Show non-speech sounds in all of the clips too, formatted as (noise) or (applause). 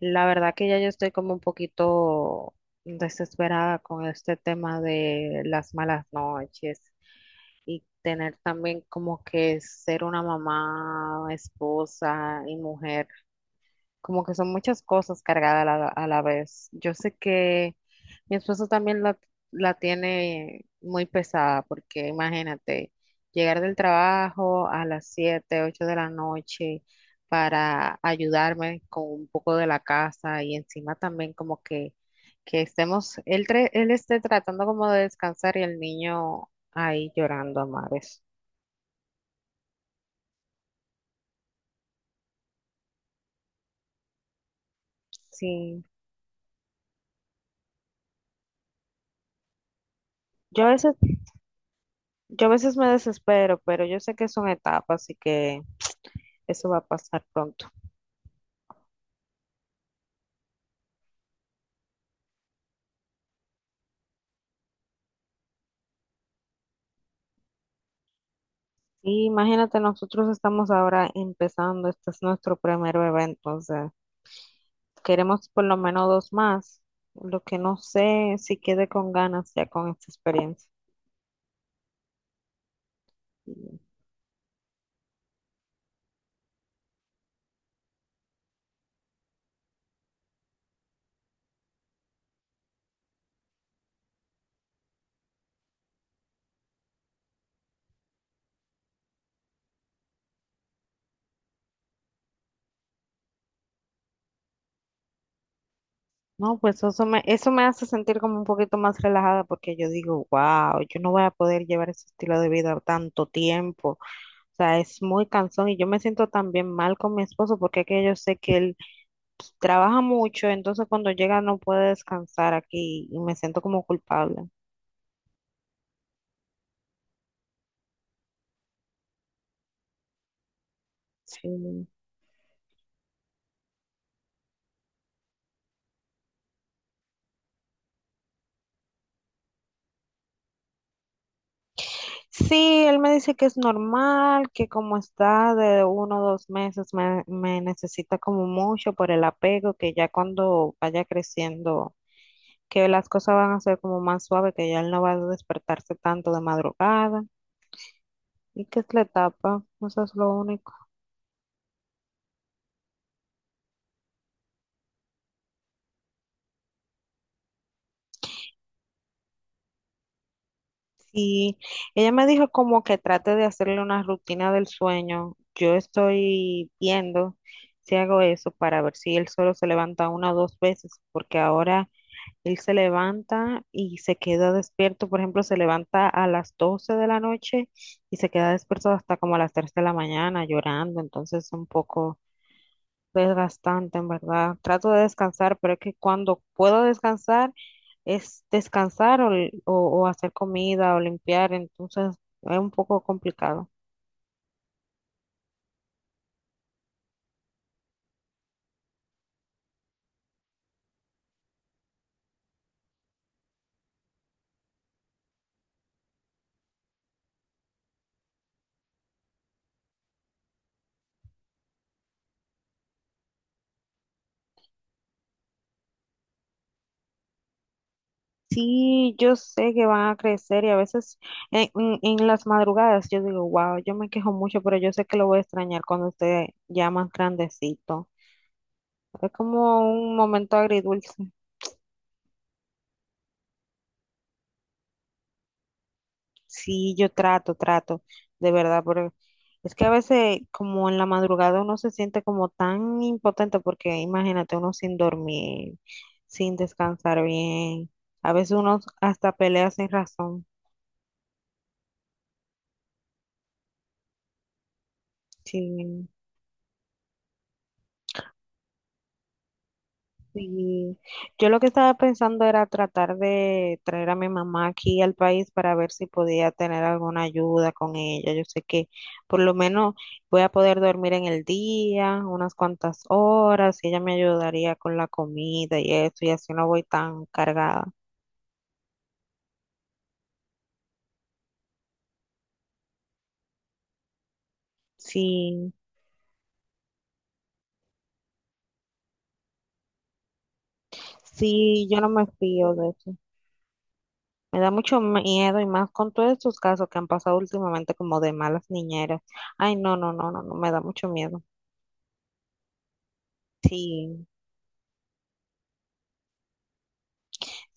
La verdad que ya yo estoy como un poquito desesperada con este tema de las malas noches y tener también como que ser una mamá, esposa y mujer, como que son muchas cosas cargadas a la vez. Yo sé que mi esposo también la tiene muy pesada, porque imagínate, llegar del trabajo a las 7, 8 de la noche para ayudarme con un poco de la casa y encima también como que estemos, él, él esté tratando como de descansar y el niño ahí llorando a mares. Sí, yo a veces, yo a veces me desespero, pero yo sé que son etapas, así que eso va a pasar pronto. Y imagínate, nosotros estamos ahora empezando, este es nuestro primer bebé, entonces queremos por lo menos dos más, lo que no sé si quede con ganas ya con esta experiencia. Y, No, pues eso me hace sentir como un poquito más relajada porque yo digo, wow, yo no voy a poder llevar ese estilo de vida tanto tiempo. O sea, es muy cansón y yo me siento también mal con mi esposo porque es que yo sé que él trabaja mucho, entonces cuando llega no puede descansar aquí y me siento como culpable. Sí. Sí, él me dice que es normal, que como está de uno o dos meses me necesita como mucho por el apego, que ya cuando vaya creciendo, que las cosas van a ser como más suaves, que ya él no va a despertarse tanto de madrugada y que es la etapa, eso es lo único. Sí, ella me dijo como que trate de hacerle una rutina del sueño. Yo estoy viendo si hago eso para ver si él solo se levanta una o dos veces, porque ahora él se levanta y se queda despierto. Por ejemplo, se levanta a las 12 de la noche y se queda despierto hasta como a las 3 de la mañana llorando. Entonces, un poco es bastante, en verdad. Trato de descansar, pero es que cuando puedo descansar es descansar o hacer comida o limpiar, entonces es un poco complicado. Sí, yo sé que van a crecer y a veces en las madrugadas yo digo, wow, yo me quejo mucho, pero yo sé que lo voy a extrañar cuando esté ya más grandecito. Es como un momento agridulce. Sí, yo trato, trato, de verdad, pero es que a veces como en la madrugada uno se siente como tan impotente porque imagínate uno sin dormir, sin descansar bien, a veces uno hasta pelea sin razón. Sí. Sí, yo lo que estaba pensando era tratar de traer a mi mamá aquí al país para ver si podía tener alguna ayuda con ella. Yo sé que por lo menos voy a poder dormir en el día unas cuantas horas y ella me ayudaría con la comida y eso, y así no voy tan cargada. Sí, sí, yo no me fío de eso. Me da mucho miedo y más con todos estos casos que han pasado últimamente como de malas niñeras. Ay, no, no, no, no, no, me da mucho miedo. Sí.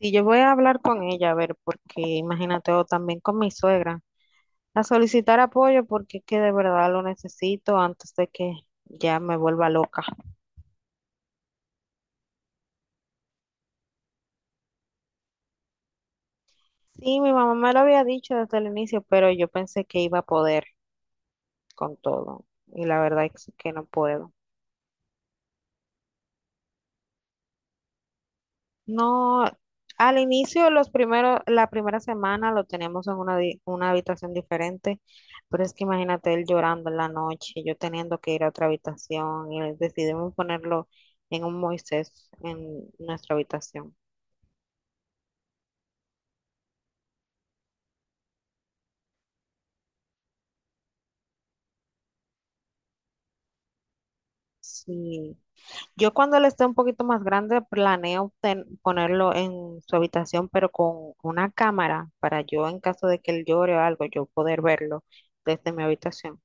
Sí, yo voy a hablar con ella, a ver, porque imagínate, o también con mi suegra, a solicitar apoyo porque es que de verdad lo necesito antes de que ya me vuelva loca. Sí, mi mamá me lo había dicho desde el inicio, pero yo pensé que iba a poder con todo y la verdad es que no puedo. No, al inicio, los primeros, la primera semana lo tenemos en una, una habitación diferente, pero es que imagínate él llorando en la noche, yo teniendo que ir a otra habitación decidimos ponerlo en un Moisés en nuestra habitación. Sí. Yo cuando él esté un poquito más grande planeo ponerlo en su habitación, pero con una cámara para yo en caso de que él llore o algo, yo poder verlo desde mi habitación.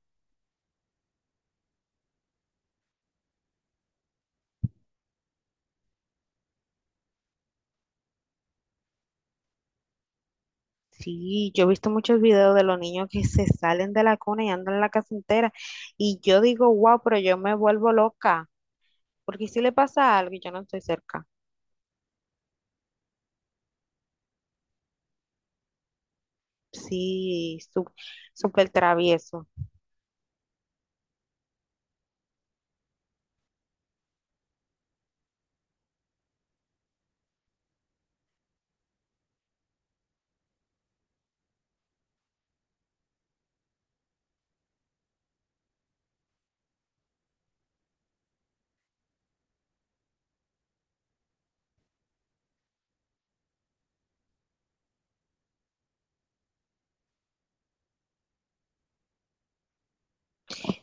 Sí, yo he visto muchos videos de los niños que se salen de la cuna y andan en la casa entera. Y yo digo, wow, pero yo me vuelvo loca. Porque si le pasa algo y yo no estoy cerca. Sí, súper travieso.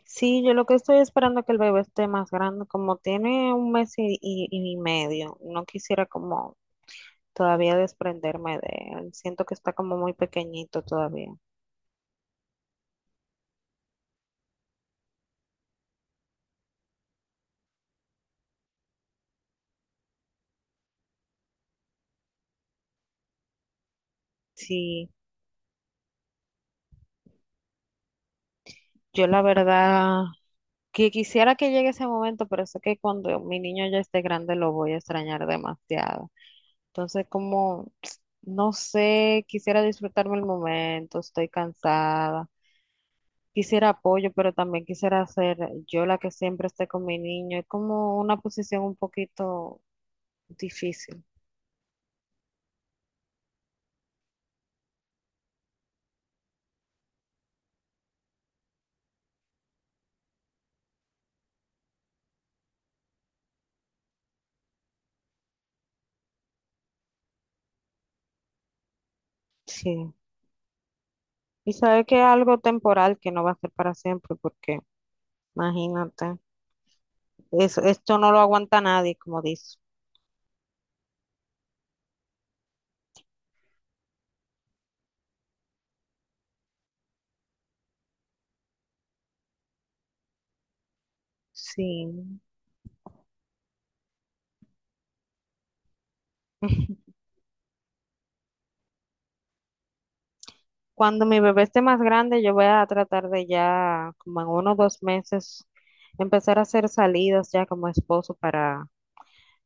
Sí, yo lo que estoy esperando es que el bebé esté más grande. Como tiene un mes y medio, no quisiera como todavía desprenderme de él. Siento que está como muy pequeñito todavía. Sí, yo la verdad que quisiera que llegue ese momento, pero sé que cuando mi niño ya esté grande lo voy a extrañar demasiado. Entonces, como, (tsk) no sé, quisiera disfrutarme el momento, estoy cansada, quisiera apoyo, pero también quisiera ser yo la que siempre esté con mi niño. Es como una posición un poquito difícil. Sí. Y sabe que es algo temporal que no va a ser para siempre, porque imagínate, eso, esto no lo aguanta nadie, como dice. Sí. (laughs) Cuando mi bebé esté más grande, yo voy a tratar de ya, como en uno o dos meses, empezar a hacer salidas ya como esposo para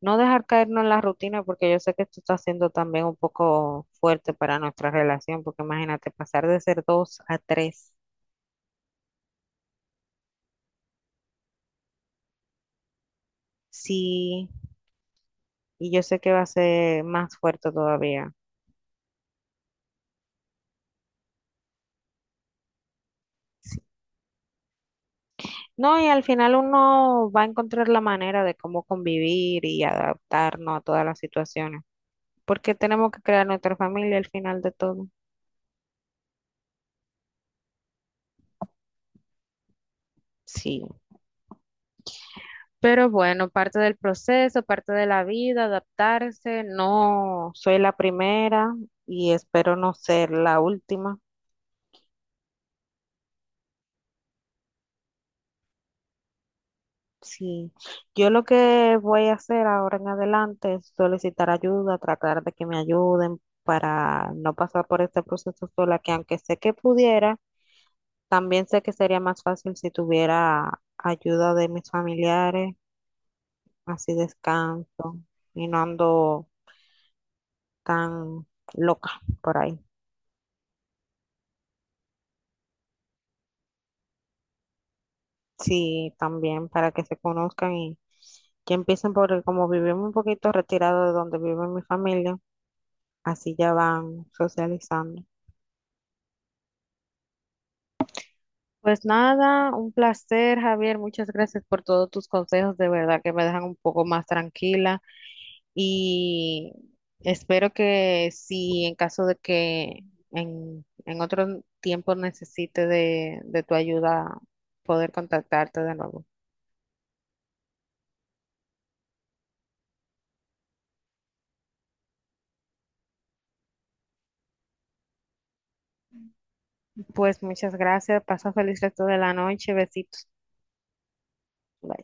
no dejar caernos en la rutina, porque yo sé que esto está siendo también un poco fuerte para nuestra relación, porque imagínate pasar de ser dos a tres, sí, y yo sé que va a ser más fuerte todavía. No, y al final uno va a encontrar la manera de cómo convivir y adaptarnos a todas las situaciones, porque tenemos que crear nuestra familia al final de todo. Sí. Pero bueno, parte del proceso, parte de la vida, adaptarse. No soy la primera y espero no ser la última. Sí, yo lo que voy a hacer ahora en adelante es solicitar ayuda, tratar de que me ayuden para no pasar por este proceso sola, que aunque sé que pudiera, también sé que sería más fácil si tuviera ayuda de mis familiares, así descanso y no ando tan loca por ahí. Sí, también para que se conozcan y que empiecen por, como vivimos un poquito retirado de donde vive mi familia, así ya van socializando. Pues nada, un placer, Javier. Muchas gracias por todos tus consejos. De verdad que me dejan un poco más tranquila y espero que si en caso de que en otro tiempo necesite de tu ayuda, poder contactarte de nuevo. Pues muchas gracias. Pasa feliz resto de la noche. Besitos. Bye.